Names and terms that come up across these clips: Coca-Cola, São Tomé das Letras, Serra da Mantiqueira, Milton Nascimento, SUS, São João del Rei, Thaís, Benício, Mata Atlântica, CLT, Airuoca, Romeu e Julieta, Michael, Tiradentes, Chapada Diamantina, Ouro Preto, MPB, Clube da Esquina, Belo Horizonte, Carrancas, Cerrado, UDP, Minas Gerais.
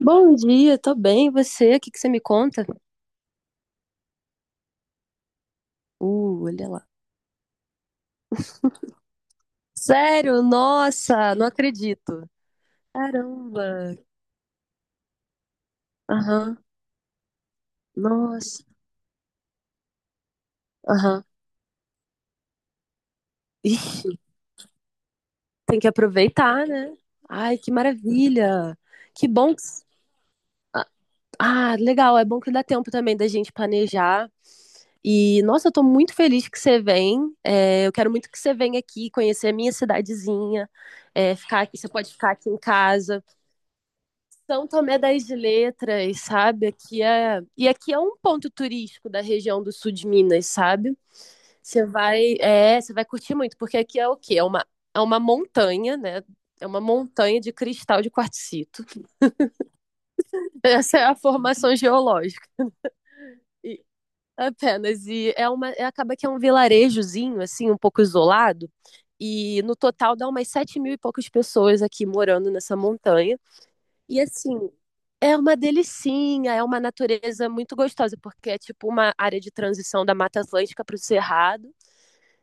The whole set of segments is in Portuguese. Bom dia, tô bem. E você? O que que você me conta? Olha lá. Sério? Nossa, não acredito. Caramba. Aham. Nossa. Aham. Ih, tem que aproveitar, né? Ai, que maravilha. Que bom. Ah, ah, legal. É bom que dá tempo também da gente planejar. E, nossa, eu tô muito feliz que você vem. É, eu quero muito que você venha aqui conhecer a minha cidadezinha. É, ficar aqui, você pode ficar aqui em casa. São Tomé das Letras, sabe? Aqui é. E aqui é um ponto turístico da região do sul de Minas, sabe? Você vai, é, você vai curtir muito, porque aqui é o quê? É uma montanha, né? É uma montanha de cristal de quartzito. Essa é a formação geológica. E- Apenas. Acaba que é um vilarejozinho, assim, um pouco isolado. E no total dá umas 7 mil e poucas pessoas aqui morando nessa montanha. E assim, é uma delicinha, é uma natureza muito gostosa, porque é tipo uma área de transição da Mata Atlântica para o Cerrado.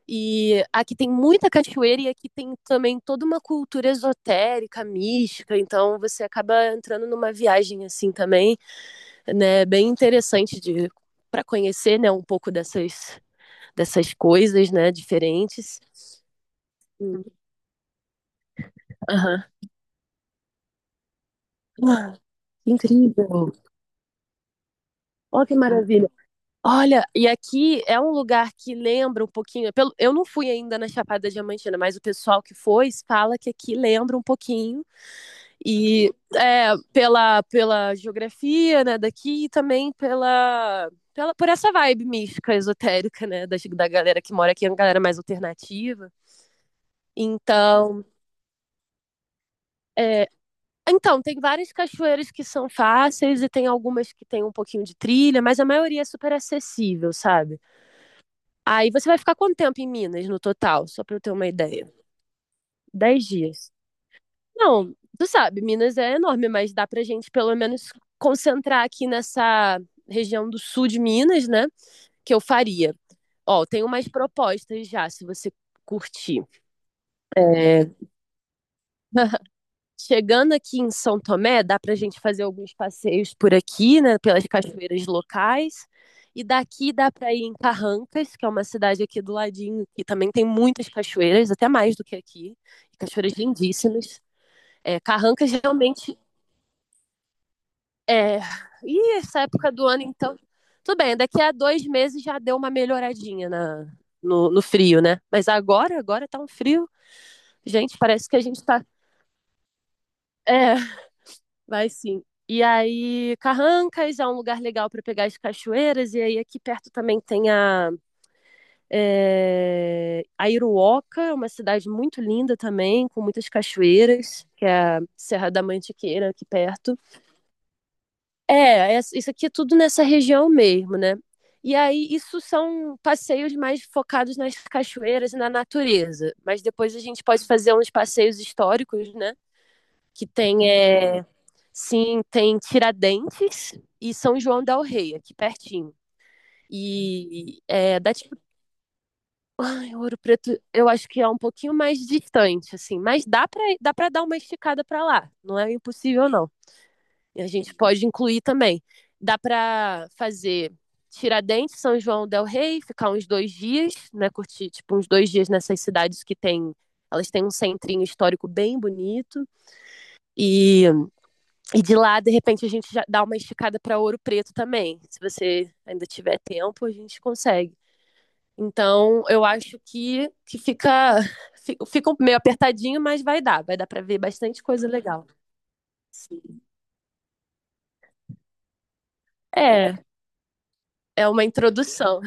E aqui tem muita cachoeira e aqui tem também toda uma cultura esotérica, mística, então você acaba entrando numa viagem assim também, né, bem interessante de para conhecer, né, um pouco dessas coisas, né, diferentes. Hum, Aham. Ah, que incrível. Olha que maravilha. Olha, e aqui é um lugar que lembra um pouquinho. Eu não fui ainda na Chapada Diamantina, mas o pessoal que foi fala que aqui lembra um pouquinho. E é, pela geografia, né, daqui e também por essa vibe mística, esotérica, né, da galera que mora aqui, é uma galera mais alternativa. Então, é, então, tem várias cachoeiras que são fáceis e tem algumas que tem um pouquinho de trilha, mas a maioria é super acessível, sabe? Aí você vai ficar quanto tempo em Minas no total? Só pra eu ter uma ideia. 10 dias. Não, tu sabe, Minas é enorme, mas dá pra gente pelo menos concentrar aqui nessa região do sul de Minas, né? Que eu faria. Ó, tem umas propostas já, se você curtir. É. Chegando aqui em São Tomé, dá para a gente fazer alguns passeios por aqui, né, pelas cachoeiras locais. E daqui dá para ir em Carrancas, que é uma cidade aqui do ladinho, que também tem muitas cachoeiras, até mais do que aqui. Cachoeiras lindíssimas. É, Carrancas realmente é. Ih, essa época do ano, então. Tudo bem, daqui a 2 meses já deu uma melhoradinha na, no, no frio, né? Mas agora, agora tá um frio. Gente, parece que a gente tá. É, vai sim. E aí, Carrancas é um lugar legal para pegar as cachoeiras. E aí, aqui perto também tem a Airuoca, é uma cidade muito linda também, com muitas cachoeiras, que é a Serra da Mantiqueira, aqui perto. Isso aqui é tudo nessa região mesmo, né? E aí, isso são passeios mais focados nas cachoeiras e na natureza. Mas depois a gente pode fazer uns passeios históricos, né? Que tem, é, Sim, tem Tiradentes e São João del Rei, aqui pertinho. E é, dá tipo, Ouro Preto, eu acho que é um pouquinho mais distante, assim, mas dá pra dar uma esticada pra lá, não é impossível não. E a gente pode incluir também. Dá pra fazer Tiradentes, São João del Rei, ficar uns 2 dias, né, curtir tipo uns 2 dias nessas cidades que tem, elas têm um centrinho histórico bem bonito e E de lá, de repente, a gente já dá uma esticada para Ouro Preto também. Se você ainda tiver tempo, a gente consegue. Então, eu acho que fica meio apertadinho, mas vai dar. Vai dar para ver bastante coisa legal. Sim. É, é uma introdução.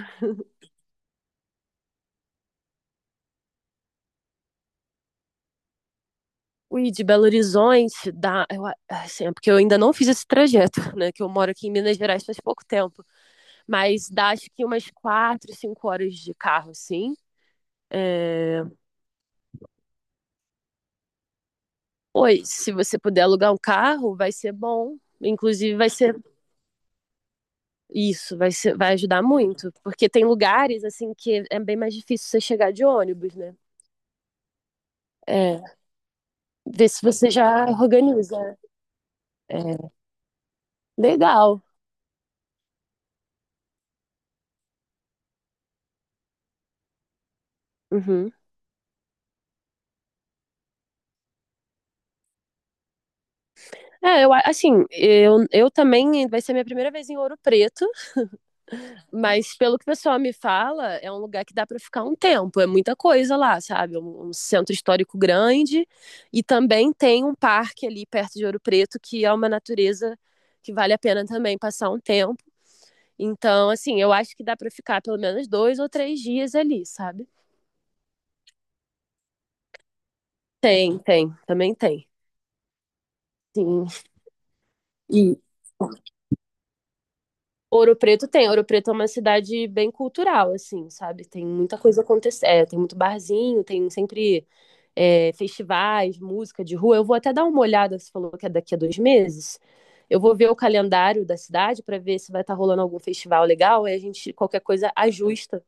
O ir de Belo Horizonte dá. Eu, assim, é porque eu ainda não fiz esse trajeto, né? Que eu moro aqui em Minas Gerais faz pouco tempo. Mas dá acho que umas 4, 5 horas de carro, assim. É, Oi, se você puder alugar um carro, vai ser bom. Inclusive, vai ser isso, vai ajudar muito, porque tem lugares assim que é bem mais difícil você chegar de ônibus, né? É, ver se você já organiza. É, legal. Uhum. É, assim, eu também vai ser minha primeira vez em Ouro Preto. Mas pelo que o pessoal me fala, é um lugar que dá para ficar um tempo, é muita coisa lá, sabe? É um centro histórico grande e também tem um parque ali perto de Ouro Preto que é uma natureza que vale a pena também passar um tempo. Então, assim, eu acho que dá para ficar pelo menos 2 ou 3 dias ali, sabe? Tem, tem, também tem. Sim. E Ouro Preto tem. Ouro Preto é uma cidade bem cultural, assim, sabe? Tem muita coisa acontecendo. É, tem muito barzinho, tem sempre festivais, música de rua. Eu vou até dar uma olhada, você falou que é daqui a 2 meses. Eu vou ver o calendário da cidade para ver se vai estar rolando algum festival legal e a gente, qualquer coisa, ajusta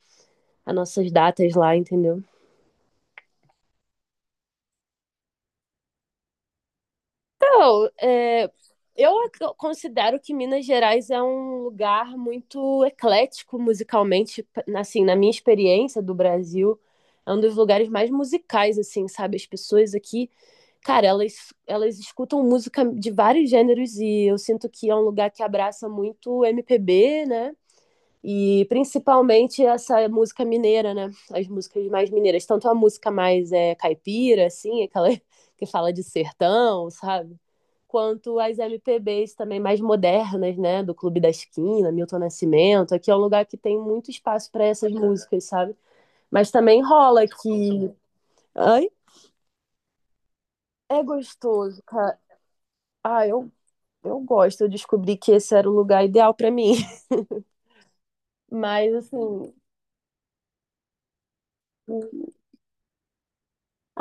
as nossas datas lá, entendeu? Então, é, eu considero que Minas Gerais é um lugar muito eclético musicalmente, assim, na minha experiência do Brasil, é um dos lugares mais musicais, assim, sabe? As pessoas aqui, cara, elas escutam música de vários gêneros e eu sinto que é um lugar que abraça muito MPB, né? E principalmente essa música mineira, né? As músicas mais mineiras, tanto a música mais caipira, assim, aquela que fala de sertão, sabe? Quanto as MPBs também mais modernas, né? Do Clube da Esquina, Milton Nascimento. Aqui é um lugar que tem muito espaço para essas músicas, sabe? Mas também rola que. Ai, é gostoso, cara. Ah, eu gosto. Eu descobri que esse era o lugar ideal para mim. Mas, assim,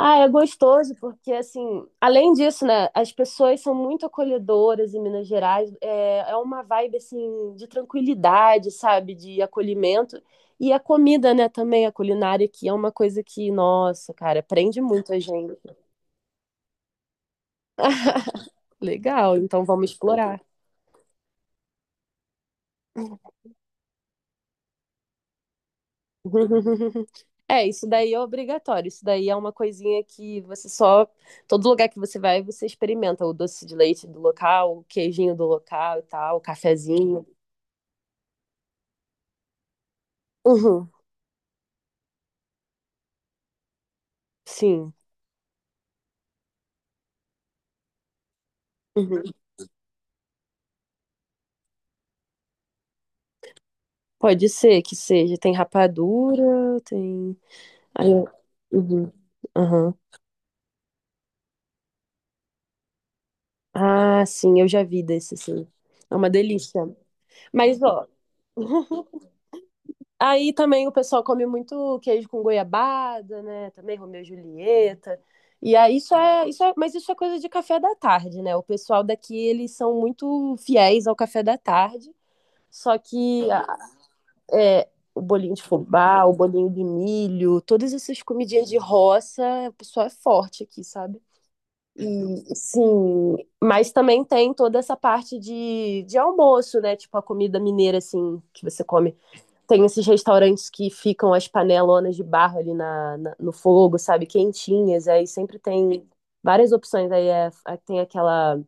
ah, é gostoso, porque assim, além disso, né, as pessoas são muito acolhedoras em Minas Gerais, é, é uma vibe assim de tranquilidade, sabe, de acolhimento. E a comida, né, também, a culinária aqui é uma coisa que, nossa, cara, prende muito a gente. Legal, então vamos explorar. É, isso daí é obrigatório, isso daí é uma coisinha que você só, todo lugar que você vai, você experimenta o doce de leite do local, o queijinho do local e tal, o cafezinho. Sim. Uhum. Pode ser que seja. Tem rapadura, tem. Aí eu. Uhum. Aham. Ah, sim, eu já vi desse, sim. É uma delícia. Mas, ó, aí também o pessoal come muito queijo com goiabada, né? Também Romeu e Julieta. E aí mas isso é coisa de café da tarde, né? O pessoal daqui, eles são muito fiéis ao café da tarde. Só que é, o bolinho de fubá, o bolinho de milho, todas essas comidinhas de roça, o pessoal é forte aqui, sabe? E sim, mas também tem toda essa parte de almoço, né? Tipo a comida mineira, assim, que você come. Tem esses restaurantes que ficam as panelonas de barro ali no fogo, sabe? Quentinhas, aí sempre tem várias opções. Aí tem aquela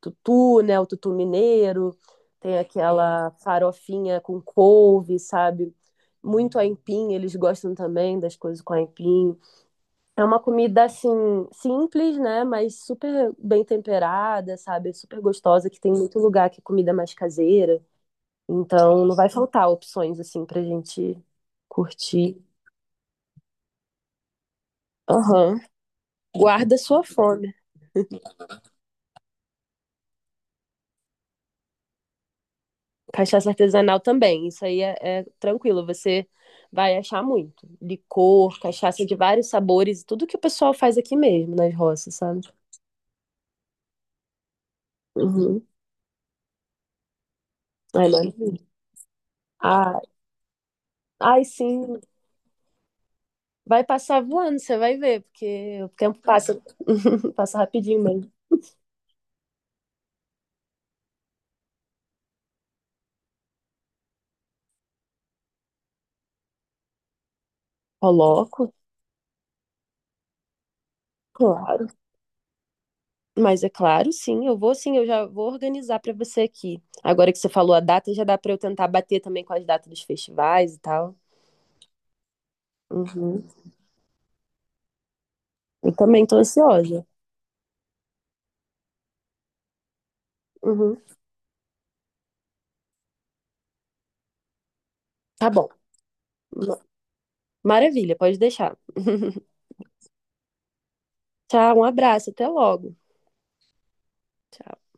tutu, né? O tutu mineiro, tem aquela farofinha com couve, sabe? Muito aipim, eles gostam também das coisas com aipim. É uma comida, assim, simples, né? Mas super bem temperada, sabe? Super gostosa, que tem muito lugar que é comida mais caseira. Então, não vai faltar opções, assim, pra gente curtir. Aham. Guarda sua fome. Cachaça artesanal também, isso aí é tranquilo, você vai achar muito. Licor, cachaça de vários sabores, tudo que o pessoal faz aqui mesmo, nas roças, sabe? Uhum. Ai, maravilha. Ah, ai, sim, vai passar voando, você vai ver, porque o tempo passa, passa rapidinho mesmo. Coloco, claro. Mas é claro, sim, eu vou sim, eu já vou organizar para você aqui. Agora que você falou a data, já dá para eu tentar bater também com as datas dos festivais e tal. Uhum. Eu também tô ansiosa. Uhum. Tá bom. Ma- Maravilha, pode deixar. Tchau, um abraço, até logo. Tchau.